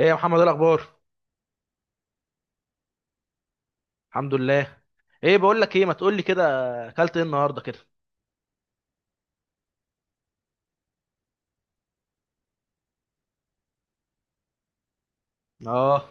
ايه يا محمد، إيه الاخبار؟ الحمد لله. ايه بقول لك ايه، ما تقول لي كده اكلت ايه النهارده كده؟ اه،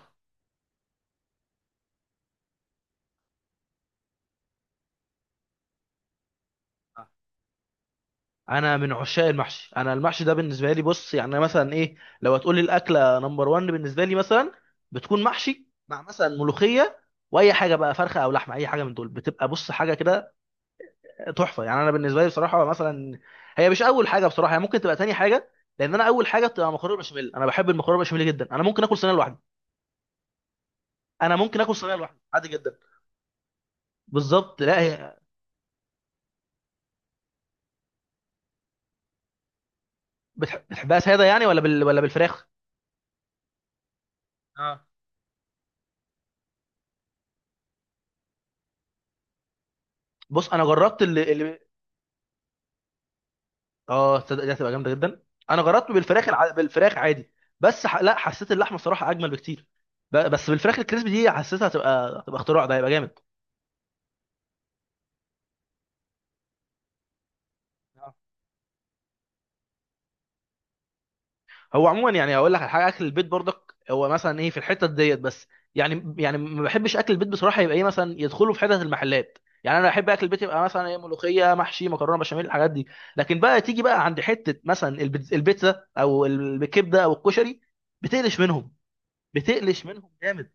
انا من عشاق المحشي. انا المحشي ده بالنسبه لي، بص يعني أنا مثلا ايه، لو هتقول لي الاكله نمبر 1 بالنسبه لي مثلا، بتكون محشي مع مثلا ملوخيه، واي حاجه بقى فرخه او لحمه اي حاجه من دول، بتبقى بص حاجه كده تحفه يعني. انا بالنسبه لي بصراحه مثلا، هي مش اول حاجه بصراحه، هي ممكن تبقى تاني حاجه، لان انا اول حاجه بتبقى مكرونه بشاميل. انا بحب المكرونه بشاميل جدا، انا ممكن اكل صينيه لوحدي. انا ممكن اكل صينيه لوحدي عادي جدا. بالظبط، لا هي. بتحبها ساده يعني، ولا ولا بالفراخ؟ اه. بص انا جربت اه تصدق دي هتبقى جامده جدا. انا جربت بالفراخ عادي، لا حسيت اللحمه الصراحه اجمل بكتير. بس بالفراخ الكريسبي دي حسيتها هتبقى اختراع، ده هيبقى جامد. هو عموما يعني اقول لك على حاجه، اكل البيت برضك هو مثلا ايه في الحته ديت بس. يعني ما بحبش اكل البيت بصراحه، يبقى ايه مثلا يدخلوا في حته المحلات. يعني انا احب اكل البيت يبقى مثلا ايه ملوخيه محشي مكرونه بشاميل الحاجات دي، لكن بقى تيجي بقى عند حته مثلا البيتزا او الكبده او الكشري، بتقلش منهم، بتقلش منهم جامد.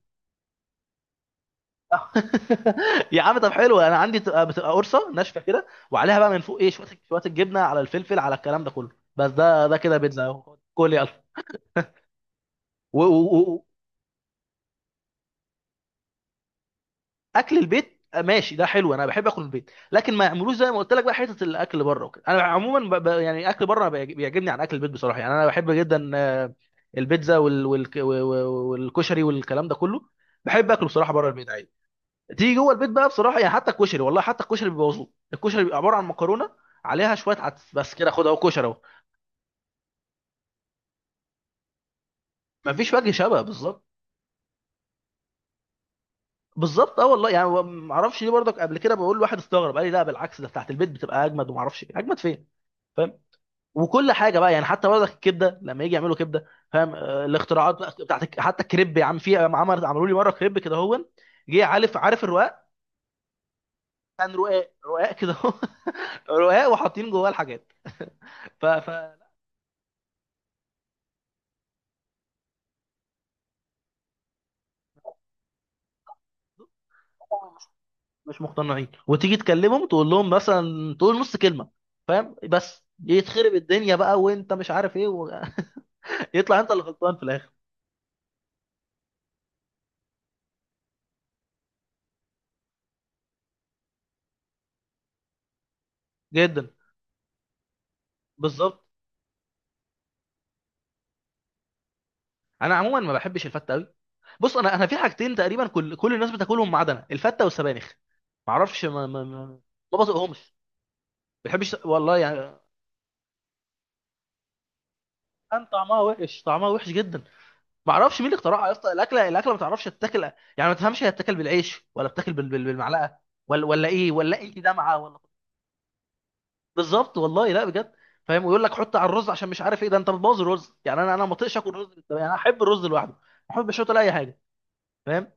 يا عم طب حلو، انا عندي بتبقى قرصه ناشفه كده، وعليها بقى من فوق ايه شويه شويه الجبنه على الفلفل على الكلام ده كله. بس ده كده بيتزا اهو، كل يلا. و- و- و- اكل البيت ماشي ده حلو، انا بحب اكل البيت، لكن ما يعملوش زي ما قلت لك بقى حته الاكل بره وكده. انا عموما يعني اكل بره بيعجبني عن اكل البيت بصراحه. يعني انا بحب جدا البيتزا والكشري والكلام ده كله، بحب اكله بصراحه بره البيت عادي. تيجي جوه البيت بقى بصراحه، يعني حتى الكشري والله، حتى الكشري بيبوظوه، الكشري بيبقى عباره عن مكرونه عليها شويه عدس بس، كده خد اهو كشري اهو. مفيش وجه شبه بالظبط. بالظبط اه والله، يعني ما اعرفش ليه برضك. قبل كده بقول لواحد استغرب، قال لي لا بالعكس ده بتاعت البيت بتبقى اجمد، وما اعرفش إيه. اجمد فين؟ فاهم. وكل حاجه بقى يعني حتى برضك الكبده، لما يجي يعملوا كبده فاهم آه، الاختراعات بقى بتاعت حتى الكريب. يا عم في عمل عملوا لي مره كريب كده، هو جه عارف، عارف الرقاق، كان رقاق كده هو. رقاق وحاطين جواه الحاجات. لا، مش مش مقتنعين، وتيجي تكلمهم تقول لهم مثلا تقول نص كلمه فاهم، بس يتخرب الدنيا بقى وانت مش عارف ايه و... يطلع انت اللي غلطان في الاخر. جدا. بالظبط. انا عموما ما بحبش الفته قوي. بص انا انا في حاجتين تقريبا كل الناس بتاكلهم ما عدا انا، الفته والسبانخ. ما اعرفش ما بطيقهمش. ما بحبش والله يعني. كان طعمها وحش، طعمها وحش جدا. ما اعرفش مين اللي اخترعها يا اسطى، الاكله الاكله ما تعرفش تتاكل. يعني ما تفهمش هي تتاكل بالعيش ولا بتاكل بالمعلقه، ولا ايه، ولا انت دمعه ولا. بالظبط والله لا بجد، فاهم. ويقول لك حط على الرز عشان مش عارف ايه، ده انت بتبوظ الرز. يعني انا انا ما اطيقش اكل رز بالسبانخ، يعني انا احب الرز لوحده، ما احبش احط عليه اي حاجه فاهم.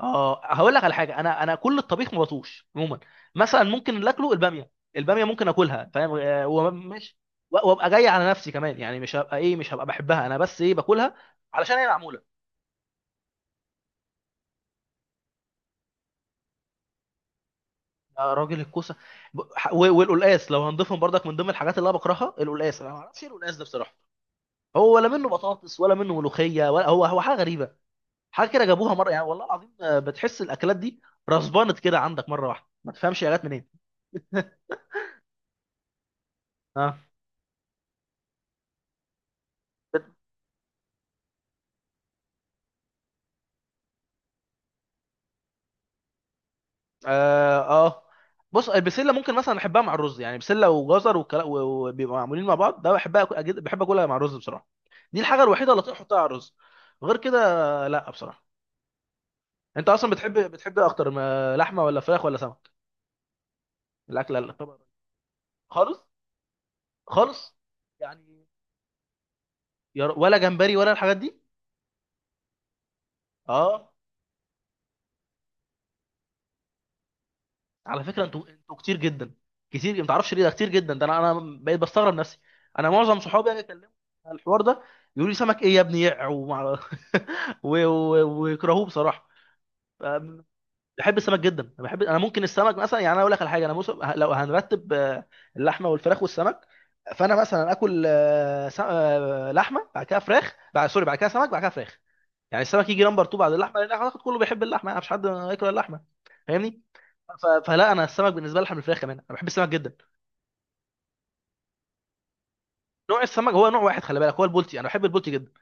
اه هقول لك على حاجه، انا انا كل الطبيخ ما بطوش عموما. مثلا ممكن اللي اكله الباميه، الباميه ممكن اكلها فاهم آه، ومش وابقى جاي على نفسي كمان، يعني مش هبقى ايه، مش هبقى بحبها انا، بس ايه باكلها علشان هي معموله. يا راجل الكوسه. والقلقاس لو هنضيفهم برضك، من ضمن الحاجات اللي انا بكرهها القلقاس. انا ما اعرفش ايه القلقاس ده بصراحه، هو ولا منه بطاطس ولا منه ملوخيه، ولا هو هو حاجه غريبه، حاجه كده جابوها مره يعني والله العظيم آه، بتحس الاكلات دي رسبانت كده عندك مره واحده، ما تفهمش يا جت منين. اه. اه. آه. بص البسله ممكن مثلا احبها مع الرز، يعني بسله وجزر وبيبقوا معمولين مع بعض، ده بحبها بحب اكلها مع الرز بصراحه. دي الحاجه الوحيده اللي اطيق احطها على الرز، غير كده لا بصراحه. انت اصلا بتحب إيه اكتر، ما لحمه ولا فراخ ولا سمك؟ الاكله اللي طبعا. خالص. خالص يعني. ولا جمبري ولا الحاجات دي؟ اه. على فكره انتوا كتير جدا، كتير ما تعرفش ليه ده كتير جدا. ده انا انا بقيت بستغرب نفسي، انا معظم صحابي اجي اكلمهم على الحوار ده يقول لي سمك ايه يا ابني ويكرهوه بصراحه. ف- بحب السمك جدا، انا بحب، انا ممكن السمك مثلا، يعني انا اقول لك على حاجه، انا لو هنرتب آه، اللحمه والفراخ والسمك، فانا مثلا اكل آه، س... آه، لحمه بعد كده فراخ بعد سوري بعد كده سمك بعد كده فراخ. يعني السمك يجي نمبر 2 بعد اللحمه، لان اعتقد كله بيحب اللحمه يعني مفيش حد ياكل اللحمه فاهمني. فلا انا السمك بالنسبه لي احلى من الفراخ كمان، انا بحب السمك جدا. نوع السمك هو نوع واحد خلي بالك، هو البولتي، انا بحب البولتي جدا.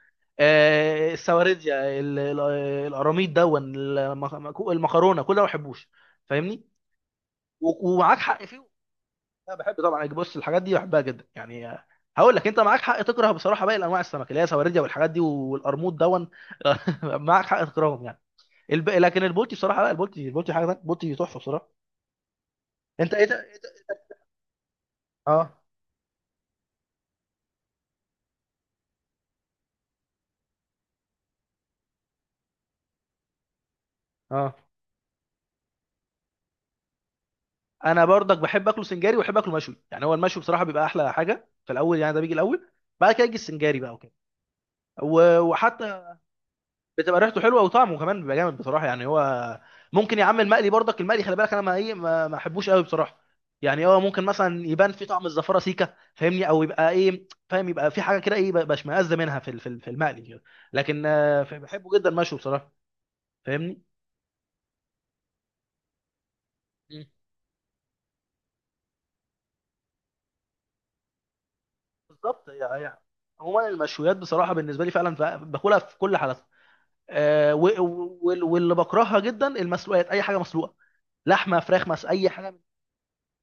آه السواردية، ال- ال- القراميط دون، المكرونه، كل ده ما بحبوش فاهمني. ومعاك حق فيه. انا بحب طبعا يعني، بص الحاجات دي بحبها جدا يعني آه، هقول لك انت معاك حق تكره بصراحه باقي انواع السمك اللي هي سواردية والحاجات دي والقرموط دون. معاك حق تكرههم يعني. لكن البولتي بصراحه، لا البولتي حاجه تانية، البولتي تحفه بصراحه. انت ايه ده؟ اه. اه. انا برضك بحب اكله سنجاري، وبحب اكله مشوي. يعني هو المشوي بصراحه بيبقى احلى حاجه في الاول يعني، ده بيجي الاول، بعد كده يجي السنجاري بقى وكده. وحتى. بتبقى ريحته حلوه وطعمه كمان بيبقى جامد بصراحه، يعني هو ممكن يا عم المقلي برضك، المقلي خلي بالك انا ما ايه ما ما احبوش قوي بصراحه. يعني هو ممكن مثلا يبان في طعم الزفاره سيكه فاهمني، او يبقى ايه فاهم، يبقى في حاجه كده ايه بشمئز منها في المقلي كده، لكن آه، بحبه جدا مشوي بصراحه فاهمني. مم. بالظبط يعني، عموما المشويات بصراحه بالنسبه لي فعلا باكلها في كل حالاتها آه، و- و- وال- واللي بكرهها جدا المسلوقات، اي حاجه مسلوقه لحمه فراخ اي حاجه،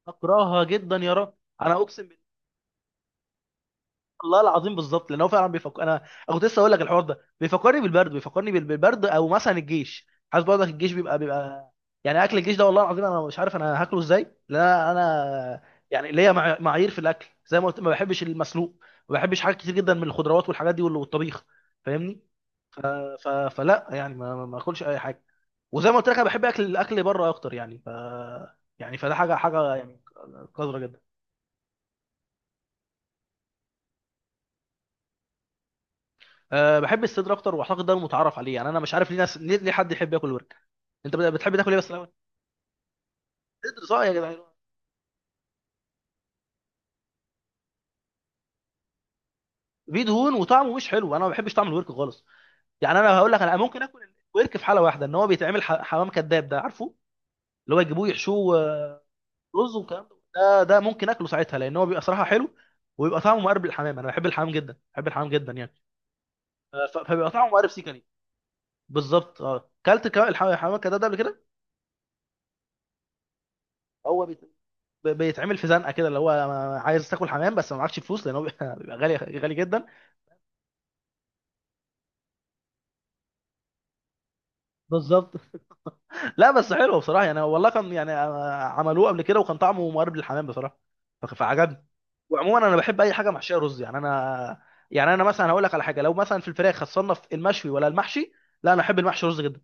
بكرهها جدا يا رب. انا اقسم بالله، الله العظيم بالظبط، لان هو فعلا بيفكر، انا كنت لسه اقول لك الحوار ده بيفكرني بالبرد، بيفكرني بالبرد او مثلا الجيش. عايز برضك الجيش بيبقى يعني اكل الجيش ده، والله العظيم انا مش عارف انا هاكله ازاي لان انا يعني ليا معايير في الاكل، زي ما قلت ما بحبش المسلوق، ما بحبش حاجات كتير جدا من الخضروات والحاجات دي والطبيخ فاهمني. ف... ف... فلا يعني ما اكلش اي حاجه. وزي ما قلت لك انا بحب اكل الاكل بره اكتر يعني ف، يعني فده حاجه حاجه يعني قذره جدا. أه بحب الصدر اكتر، واعتقد ده المتعارف عليه. يعني انا مش عارف ليه ناس ليه حد يحب ياكل ورك. انت بتحب تاكل ايه بس الاول؟ صدر صح يا جدعان. فيه دهون وطعمه مش حلو، انا ما بحبش طعم الورك خالص. يعني انا هقول لك، انا ممكن اكل الورك في حاله واحده، ان هو بيتعمل حمام كذاب ده عارفه، اللي هو يجيبوه يحشوه آه، رز والكلام ده، ده ممكن اكله ساعتها لان هو بيبقى صراحه حلو، ويبقى طعمه مقرب للحمام. انا بحب الحمام جدا، بحب الحمام جدا يعني أه، فبيبقى طعمه مقرب سيكا. بالظبط اه، كلت كمان الحمام ده ده قبل كده؟ هو بيتعمل في زنقه كده، اللي هو عايز تاكل حمام بس ما معكش فلوس لان هو بيبقى بيبقى غالي غالي جدا. بالظبط. لا بس حلو بصراحه يعني والله، كان يعني آه، عملوه قبل كده وكان طعمه مقارب للحمام بصراحه، فعجبني. وعموما انا بحب اي حاجه محشيه رز يعني انا. يعني انا مثلا هقول لك على حاجه، لو مثلا في الفراخ هتصنف المشوي ولا المحشي؟ لا انا احب المحشي رز جدا،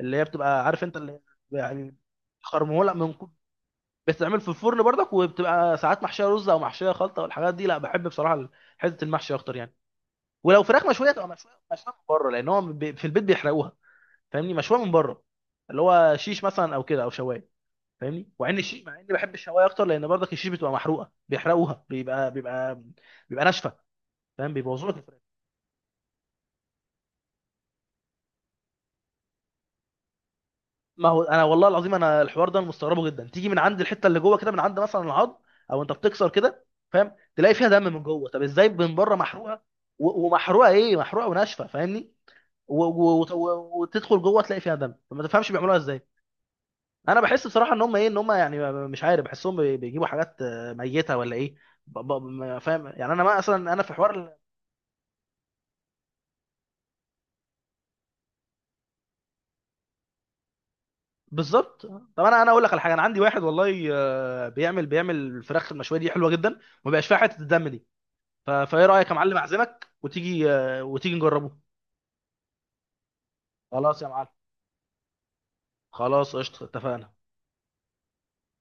اللي هي بتبقى عارف انت اللي يعني خرموله من، بتتعمل في الفرن برضك، وبتبقى ساعات محشيه رز او محشيه خلطه والحاجات دي، لا بحب بصراحه حته المحشي اكتر يعني. ولو فراخ مشويه تبقى مشويه، مشويه من بره، لان هو في البيت بيحرقوها فاهمني، مشويه من بره، اللي هو شيش مثلا او كده او شوايه فاهمني. وعن الشيش، مع اني بحب الشوايه اكتر، لان برضك الشيش بتبقى محروقه، بيحرقوها، بيبقى ناشفه فاهم، بيبوظوا لك الفراخ. ما هو انا والله العظيم انا الحوار ده أنا مستغربه جدا، تيجي من عند الحته اللي جوه كده من عند مثلا العظم، او انت بتكسر كده فاهم، تلاقي فيها دم من جوه. طب ازاي من بره محروقه و- ومحروقه ايه، محروقه وناشفه فاهمني، و- و- وت- و- وتدخل جوه تلاقي فيها دم، ما تفهمش بيعملوها ازاي. انا بحس بصراحه ان هم ايه، ان هم يعني مش عارف، بحسهم بيجيبوا حاجات آه، ميته ولا ايه، ما فاهم يعني انا ما اصلا انا في حوار. بالظبط. طب انا انا اقول لك على حاجه، انا عندي واحد والله آه، بيعمل الفراخ المشويه دي حلوه جدا، ما بقاش فيها حته الدم دي. فايه رايك يا معلم، اعزمك وتيجي آه، وتيجي نجربه. خلاص يا معلم، خلاص قشطه اتفقنا.